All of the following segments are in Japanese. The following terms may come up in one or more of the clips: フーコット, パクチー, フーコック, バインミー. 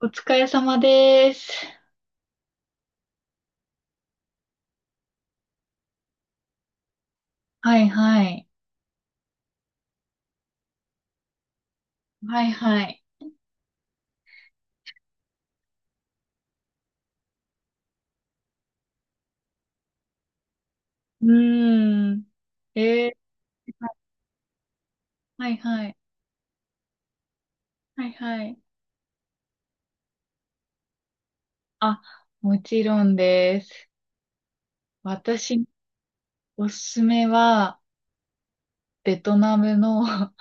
お疲れ様です。はいはい。はいはい。うーん。えー、はいはい。はいはい。あ、もちろんです。私、おすすめは、ベトナムの、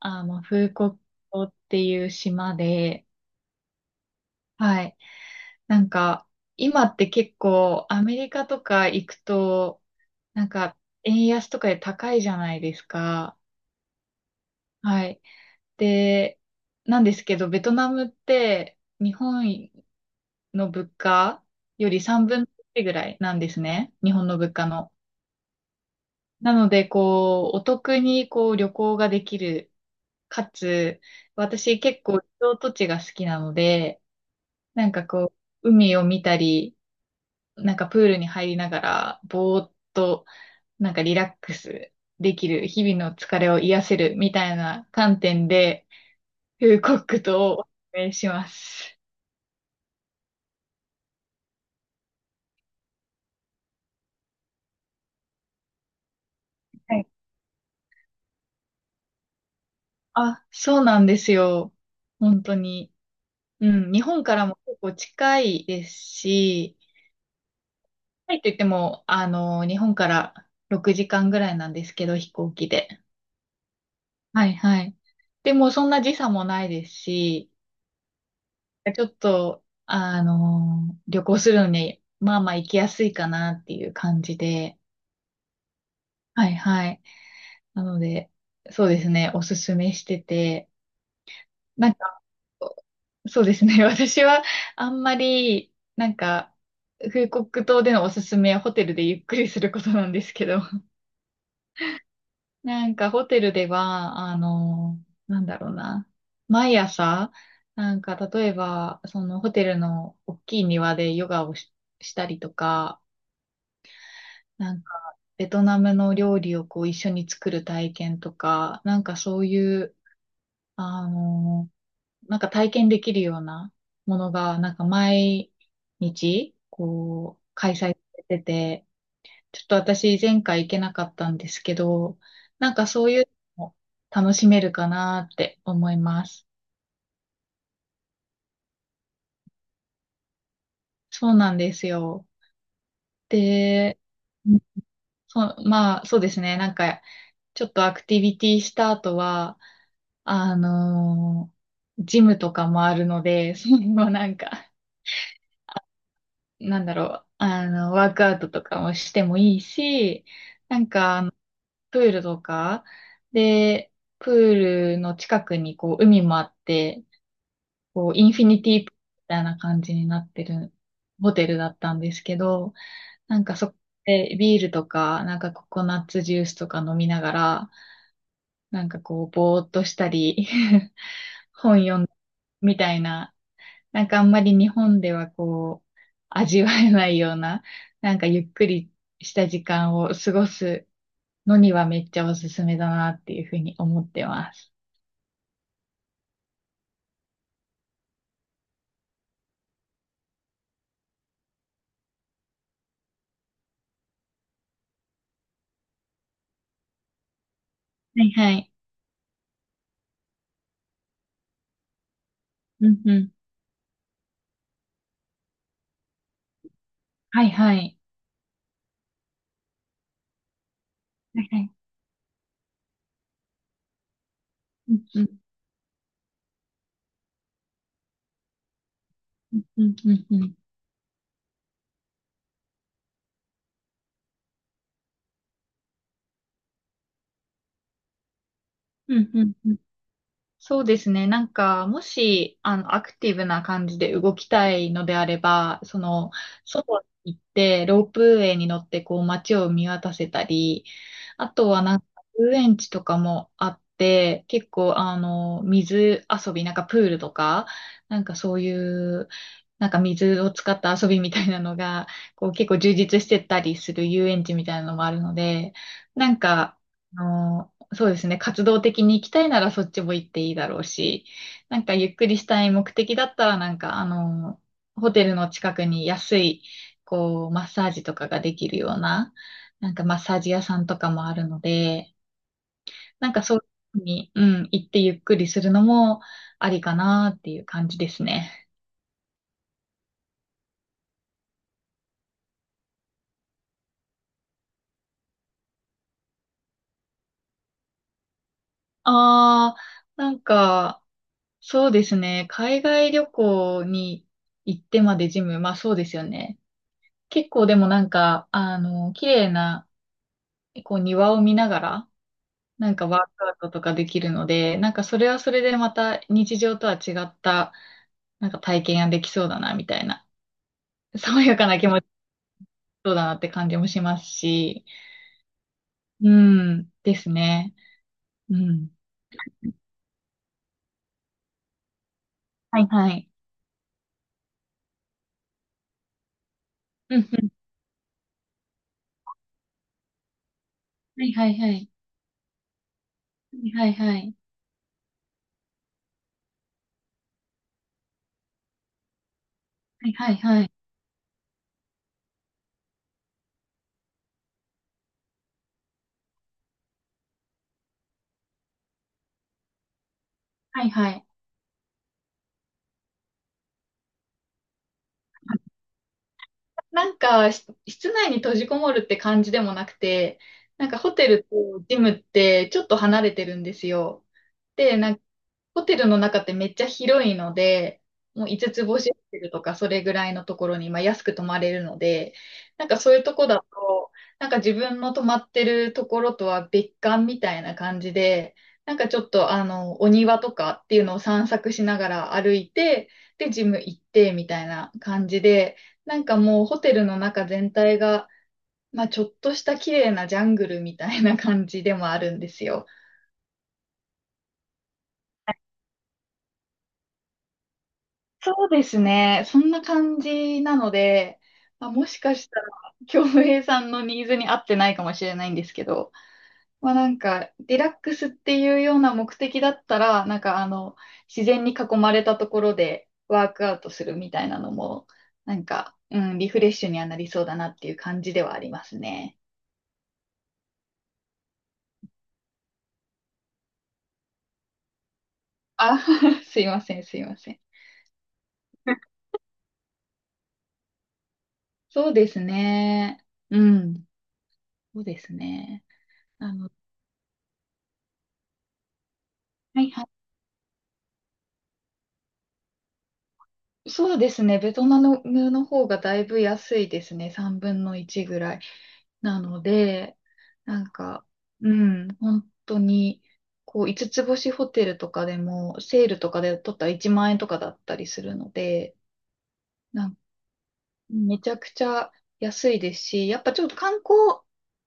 あの、フーコットっていう島で、はい。なんか、今って結構、アメリカとか行くと、なんか、円安とかで高いじゃないですか。はい。で、なんですけど、ベトナムって日本の物価より3分の1ぐらいなんですね。日本の物価の。なので、こう、お得にこう旅行ができる。かつ、私結構リゾート地が好きなので、なんかこう、海を見たり、なんかプールに入りながら、ぼーっと、なんかリラックスできる、日々の疲れを癒せるみたいな観点で、フーコックとお勧めします。あ、そうなんですよ。本当に。うん、日本からも結構近いですし、近いといっても、あの、日本から6時間ぐらいなんですけど、飛行機で。はいはい。でも、そんな時差もないですし、ちょっと、あの、旅行するのに、まあまあ行きやすいかなっていう感じで。はいはい。なので、そうですね、おすすめしてて。なんか、そうですね。私はあんまり、なんか、フーコック島でのおすすめはホテルでゆっくりすることなんですけど、なんかホテルでは、あの、なんだろうな、毎朝、なんか例えば、そのホテルの大きい庭でヨガをしたりとか、なんかベトナムの料理をこう一緒に作る体験とか、なんかそういう、あのなんか体験できるようなものが、なんか毎日、こう、開催されてて、ちょっと私前回行けなかったんですけど、なんかそういうのも楽しめるかなって思います。そうなんですよ。で、うんそう、まあそうですね。なんかちょっとアクティビティした後は、あのージムとかもあるので、それもなんかなんだろう、あの、ワークアウトとかもしてもいいし、なんか、あのプールとか、で、プールの近くにこう海もあって、こうインフィニティプールみたいな感じになってるホテルだったんですけど、なんかそこでビールとか、なんかココナッツジュースとか飲みながら、なんかこうぼーっとしたり 本読んだりみたいななんかあんまり日本ではこう、味わえないような、なんかゆっくりした時間を過ごすのにはめっちゃおすすめだなっていうふうに思ってます。はいはい。うんうん。はいはい。はいはい。うんうん。うんうんうんうん。うんうんうんそうですね。なんか、もし、あの、アクティブな感じで動きたいのであれば、その、外に行って、ロープウェイに乗って、こう、街を見渡せたり、あとは、なんか、遊園地とかもあって、結構、あの、水遊び、なんか、プールとか、なんか、そういう、なんか、水を使った遊びみたいなのが、こう、結構充実してたりする遊園地みたいなのもあるので、なんか、あのそうですね、活動的に行きたいならそっちも行っていいだろうし、なんかゆっくりしたい目的だったら、なんかあの、ホテルの近くに安い、こう、マッサージとかができるような、なんかマッサージ屋さんとかもあるので、なんかそういうふうに、うん、行ってゆっくりするのもありかなっていう感じですね。ああ、なんか、そうですね。海外旅行に行ってまでジム、まあそうですよね。結構でもなんか、あの、綺麗な、こう庭を見ながら、なんかワークアウトとかできるので、なんかそれはそれでまた日常とは違った、なんか体験ができそうだな、みたいな、爽やかな気持ちそうだなって感じもしますし、うん、ですね。うん。はいはい。うんうん。はいはいはい。はいはいはい。はいはいはい。はいはい。なんか、室内に閉じこもるって感じでもなくて、なんかホテルとジムってちょっと離れてるんですよ。で、なんかホテルの中ってめっちゃ広いので、もう5つつ星ホテルとかそれぐらいのところに、まあ、安く泊まれるので、なんかそういうとこだと、なんか自分の泊まってるところとは別館みたいな感じで、なんかちょっとあの、お庭とかっていうのを散策しながら歩いて、で、ジム行ってみたいな感じで、なんかもうホテルの中全体が、まあちょっとした綺麗なジャングルみたいな感じでもあるんですよ。そうですね。そんな感じなので、まあ、もしかしたら、京平さんのニーズに合ってないかもしれないんですけど、まあなんか、リラックスっていうような目的だったら、なんかあの、自然に囲まれたところでワークアウトするみたいなのも、なんか、うん、リフレッシュにはなりそうだなっていう感じではありますね。あ、すいません、すいません。そうですね。うん。そうですね。あの、はいはい。そうですね。ベトナムの方がだいぶ安いですね。3分の1ぐらい。なので、なんか、うん、本当に、こう、5つつ星ホテルとかでも、セールとかで取ったら1万円とかだったりするので、なんめちゃくちゃ安いですし、やっぱちょっと観光、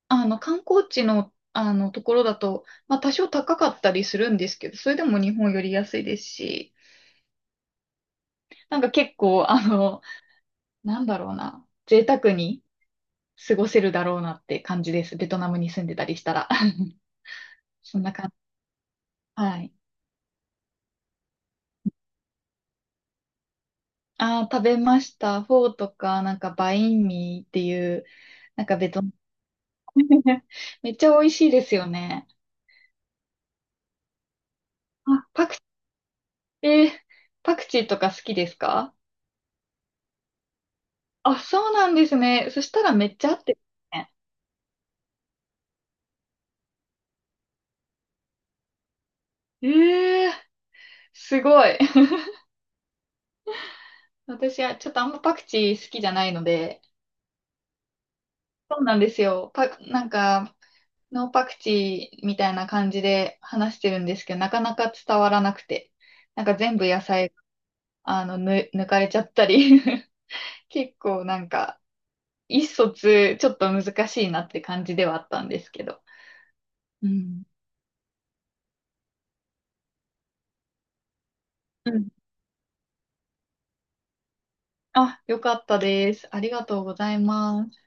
あの、観光地の、あの、ところだと、まあ、多少高かったりするんですけど、それでも日本より安いですし、なんか結構、あの、なんだろうな、贅沢に過ごせるだろうなって感じです。ベトナムに住んでたりしたら。そんな感じ。はい。ああ、食べました。フォーとか、なんかバインミーっていう、なんかベトナム めっちゃ美味しいですよね。あ、えー、パクチーとか好きですか？あ、そうなんですね。そしたらめっちゃ合ってるね。えー、すごい。私はちょっとあんまパクチー好きじゃないので、そうなんですよ。なんか、ノーパクチーみたいな感じで話してるんですけど、なかなか伝わらなくて、なんか全部野菜、あの、抜かれちゃったり 結構なんか、意思疎通ちょっと難しいなって感じではあったんですけど。うん。あ、よかったです。ありがとうございます。